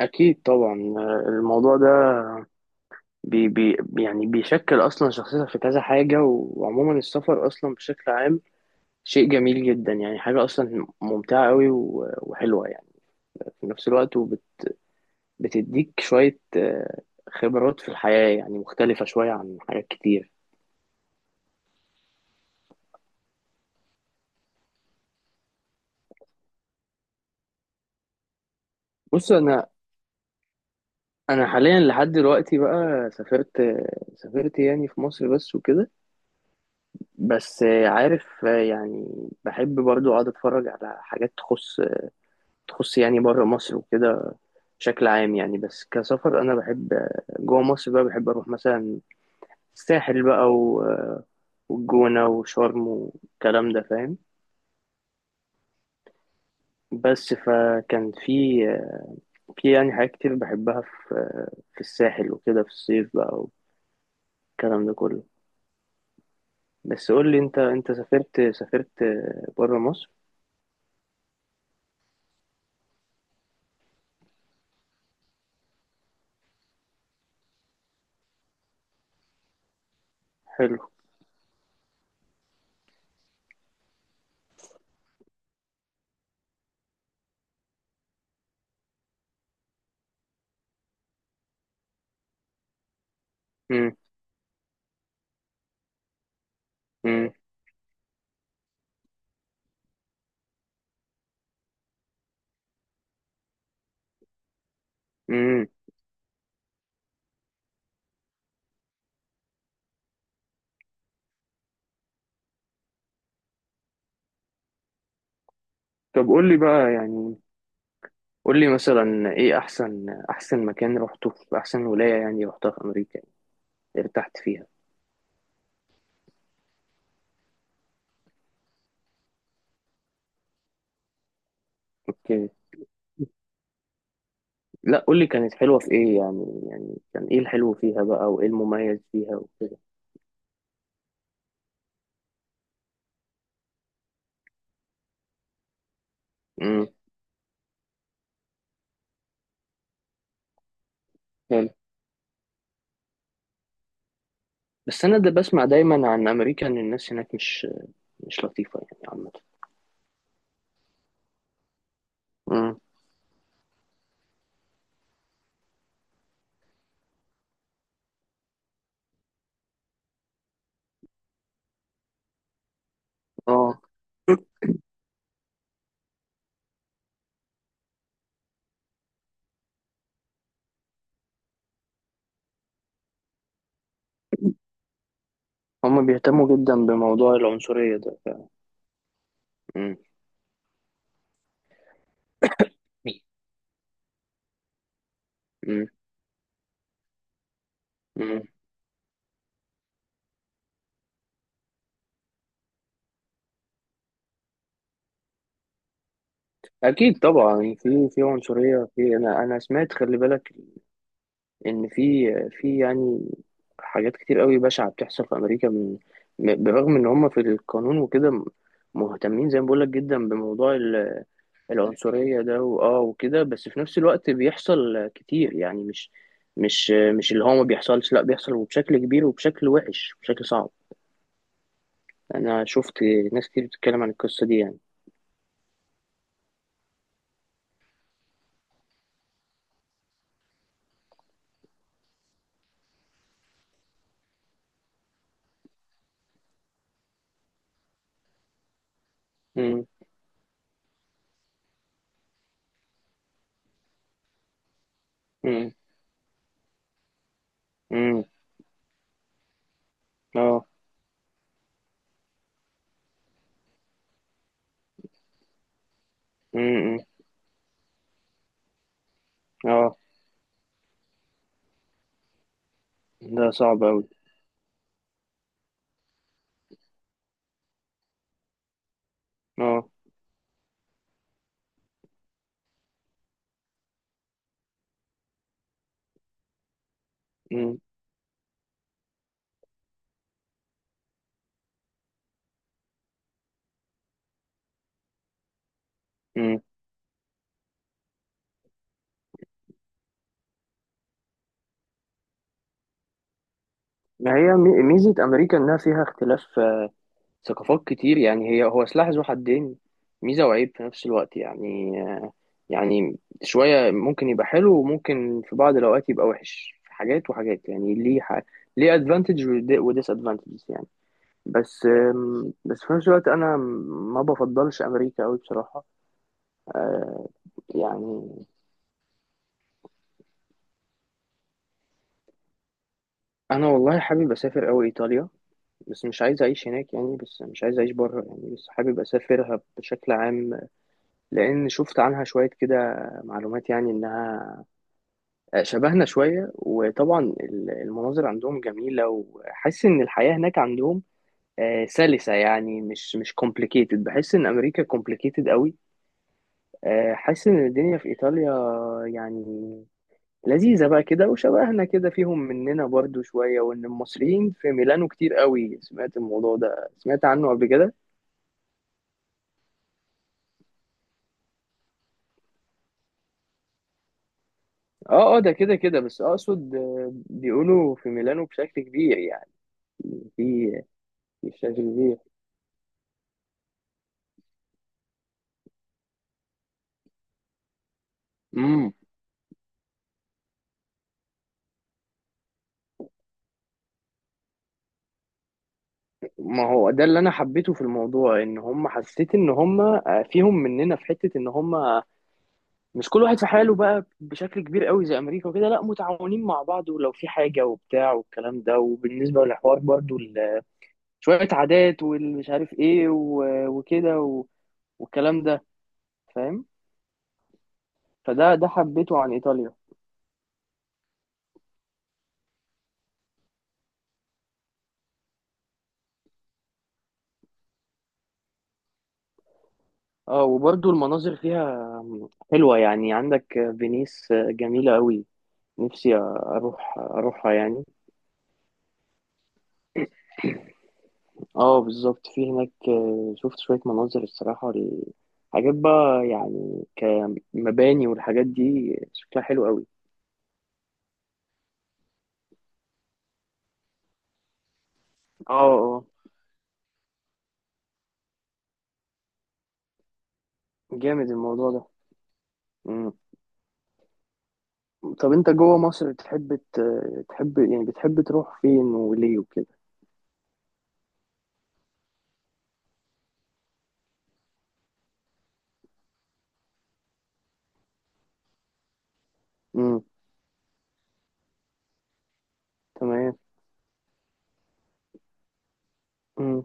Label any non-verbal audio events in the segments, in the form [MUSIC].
أكيد طبعا الموضوع ده بي بي يعني بيشكل أصلا شخصيتك في كذا حاجة وعموما السفر أصلا بشكل عام شيء جميل جدا، يعني حاجة أصلا ممتعة أوي وحلوة يعني، في نفس الوقت، وبتديك شوية خبرات في الحياة، يعني مختلفة شوية عن حاجات كتير. بص أنا، حاليا لحد دلوقتي بقى سافرت، يعني في مصر بس وكده. بس عارف، يعني بحب برضو أقعد أتفرج على حاجات تخص، يعني بره مصر وكده، بشكل عام يعني. بس كسفر انا بحب جوه مصر بقى، بحب اروح مثلا الساحل بقى والجونة وشرم والكلام ده، فاهم. بس فكان في، يعني حاجات كتير بحبها في، الساحل وكده في الصيف بقى، والكلام ده كله. بس قول لي انت، سافرت، بره مصر. حلو. امم، امم، امم. طب قول لي بقى، يعني قول لي مثلا ايه احسن، مكان رحته في احسن ولاية يعني رحتها في امريكا، يعني ارتحت فيها. اوكي. لا قول لي كانت حلوة في ايه يعني، يعني كان ايه الحلو فيها بقى وايه المميز فيها وكده. امم. حلو. بس انا ده بسمع دايما عن امريكا ان الناس هناك مش لطيفة يعني عامة. امم. اه، هما بيهتموا جدا بموضوع العنصرية ده. امم، امم، امم. اكيد طبعا في، عنصرية في، انا، سمعت، خلي بالك ان في، يعني حاجات كتير قوي بشعة بتحصل في امريكا من، بالرغم ان هم في القانون وكده مهتمين زي ما بقولك جدا بموضوع العنصرية ده واه وكده، بس في نفس الوقت بيحصل كتير يعني، مش مش اللي هو ما بيحصلش، لا بيحصل وبشكل كبير وبشكل وحش، بشكل صعب. انا شفت ناس كتير بتتكلم عن القصة دي يعني. امم، امم، امم. اه. امم. اه، ده صعب قوي. اه. امم. ما هي ميزة أمريكا إنها فيها اختلاف، ثقافات كتير، يعني هي هو سلاح ذو حدين، ميزة وعيب في نفس الوقت يعني. يعني شوية ممكن يبقى حلو وممكن في بعض الأوقات يبقى وحش في حاجات وحاجات، يعني ليه ليه أدفانتج وديس أدفانتج يعني. بس بس في نفس الوقت أنا ما بفضلش أمريكا أوي بصراحة. آه، يعني أنا والله حابب أسافر أوي إيطاليا، بس مش عايز أعيش هناك يعني، بس مش عايز أعيش بره يعني، بس حابب أسافرها بشكل عام. لان شفت عنها شويه كده معلومات، يعني انها شبهنا شويه، وطبعا المناظر عندهم جميله، وحاسس ان الحياه هناك عندهم سلسه يعني، مش كومبليكيتد، بحس ان امريكا كومبليكيتد قوي. حاسس ان الدنيا في ايطاليا يعني لذيذه بقى كده، وشبهنا كده، فيهم مننا برضو شويه. وان المصريين في ميلانو كتير قوي، سمعت الموضوع ده، سمعت عنه قبل كده. اه، اه، ده كده كده، بس اقصد بيقولوا في ميلانو بشكل كبير يعني. في بالشكل دي. امم. ما هو ده اللي انا حبيته في الموضوع، ان هم، حسيت ان هم فيهم مننا في حته، ان هم مش كل واحد في حاله بقى بشكل كبير قوي زي امريكا وكده، لا متعاونين مع بعض، ولو في حاجه وبتاع والكلام ده، وبالنسبه للحوار برضو شويه عادات والمش عارف ايه وكده والكلام ده، فاهم. فده، حبيته عن ايطاليا. اه وبرضو المناظر فيها حلوه يعني، عندك فينيس جميله قوي، نفسي اروح، يعني. اه بالظبط، في هناك شفت شوية مناظر الصراحة حاجات بقى يعني، كمباني والحاجات دي شكلها حلو قوي. اه، اه، جامد الموضوع ده. مم. طب انت جوه مصر تحب تحب، يعني بتحب تروح فين وليه وكده؟ مم. تمام. مم.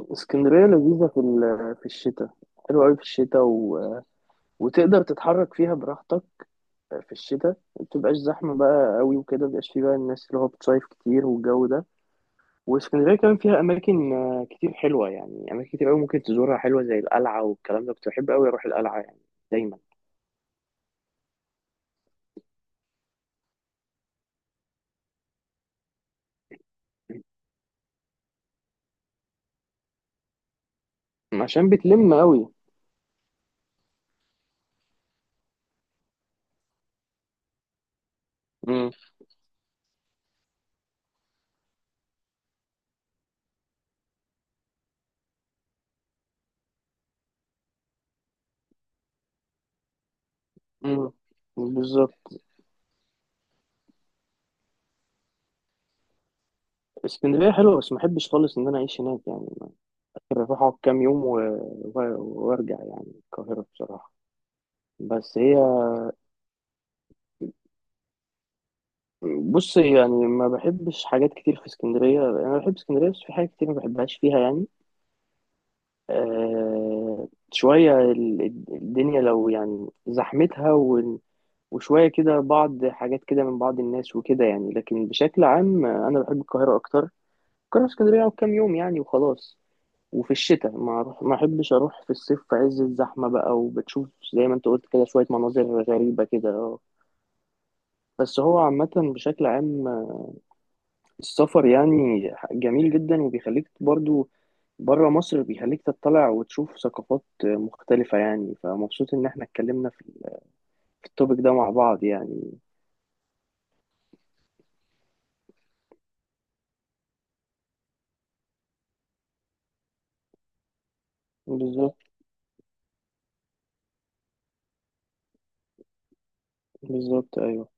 اسكندرية لذيذة في في الشتاء، حلوة قوي في الشتاء، و... وتقدر تتحرك فيها براحتك في الشتاء، ما بتبقاش زحمة بقى قوي وكده، ما بيبقاش فيه بقى الناس اللي هو بتصيف كتير والجو ده. واسكندرية كمان فيها أماكن كتير حلوة، يعني أماكن كتير أوي ممكن تزورها حلوة زي القلعة والكلام ده، كنت بحب أوي أروح القلعة يعني دايما. [CLEARS THROAT] عشان بتلم أوي. مم. مم. بالظبط. اسكندرية حلوة بس ما أحبش خالص إن أنا أعيش هناك، يعني ممكن أروح أقعد كام يوم و... و... وأرجع يعني القاهرة بصراحة. بس هي، بص يعني ما بحبش حاجات كتير في اسكندرية، أنا بحب اسكندرية بس في حاجات كتير ما بحبهاش فيها يعني. آه شوية الدنيا لو يعني زحمتها، وشوية كده بعض حاجات كده من بعض الناس وكده يعني، لكن بشكل عام، أنا بحب القاهرة أكتر. القاهرة، اسكندرية أقعد كام يوم يعني وخلاص. وفي الشتاء، ما ما أحبش أروح في الصيف في عز الزحمة بقى، وبتشوف زي ما أنت قلت كده شوية مناظر غريبة كده آه. بس هو عامة بشكل عام، السفر يعني جميل جدا، وبيخليك برضو بره مصر، بيخليك تطلع وتشوف ثقافات مختلفة يعني، فمبسوط إن احنا اتكلمنا في في التوبيك ده مع بعض يعني. بالظبط، بالظبط، أيوه.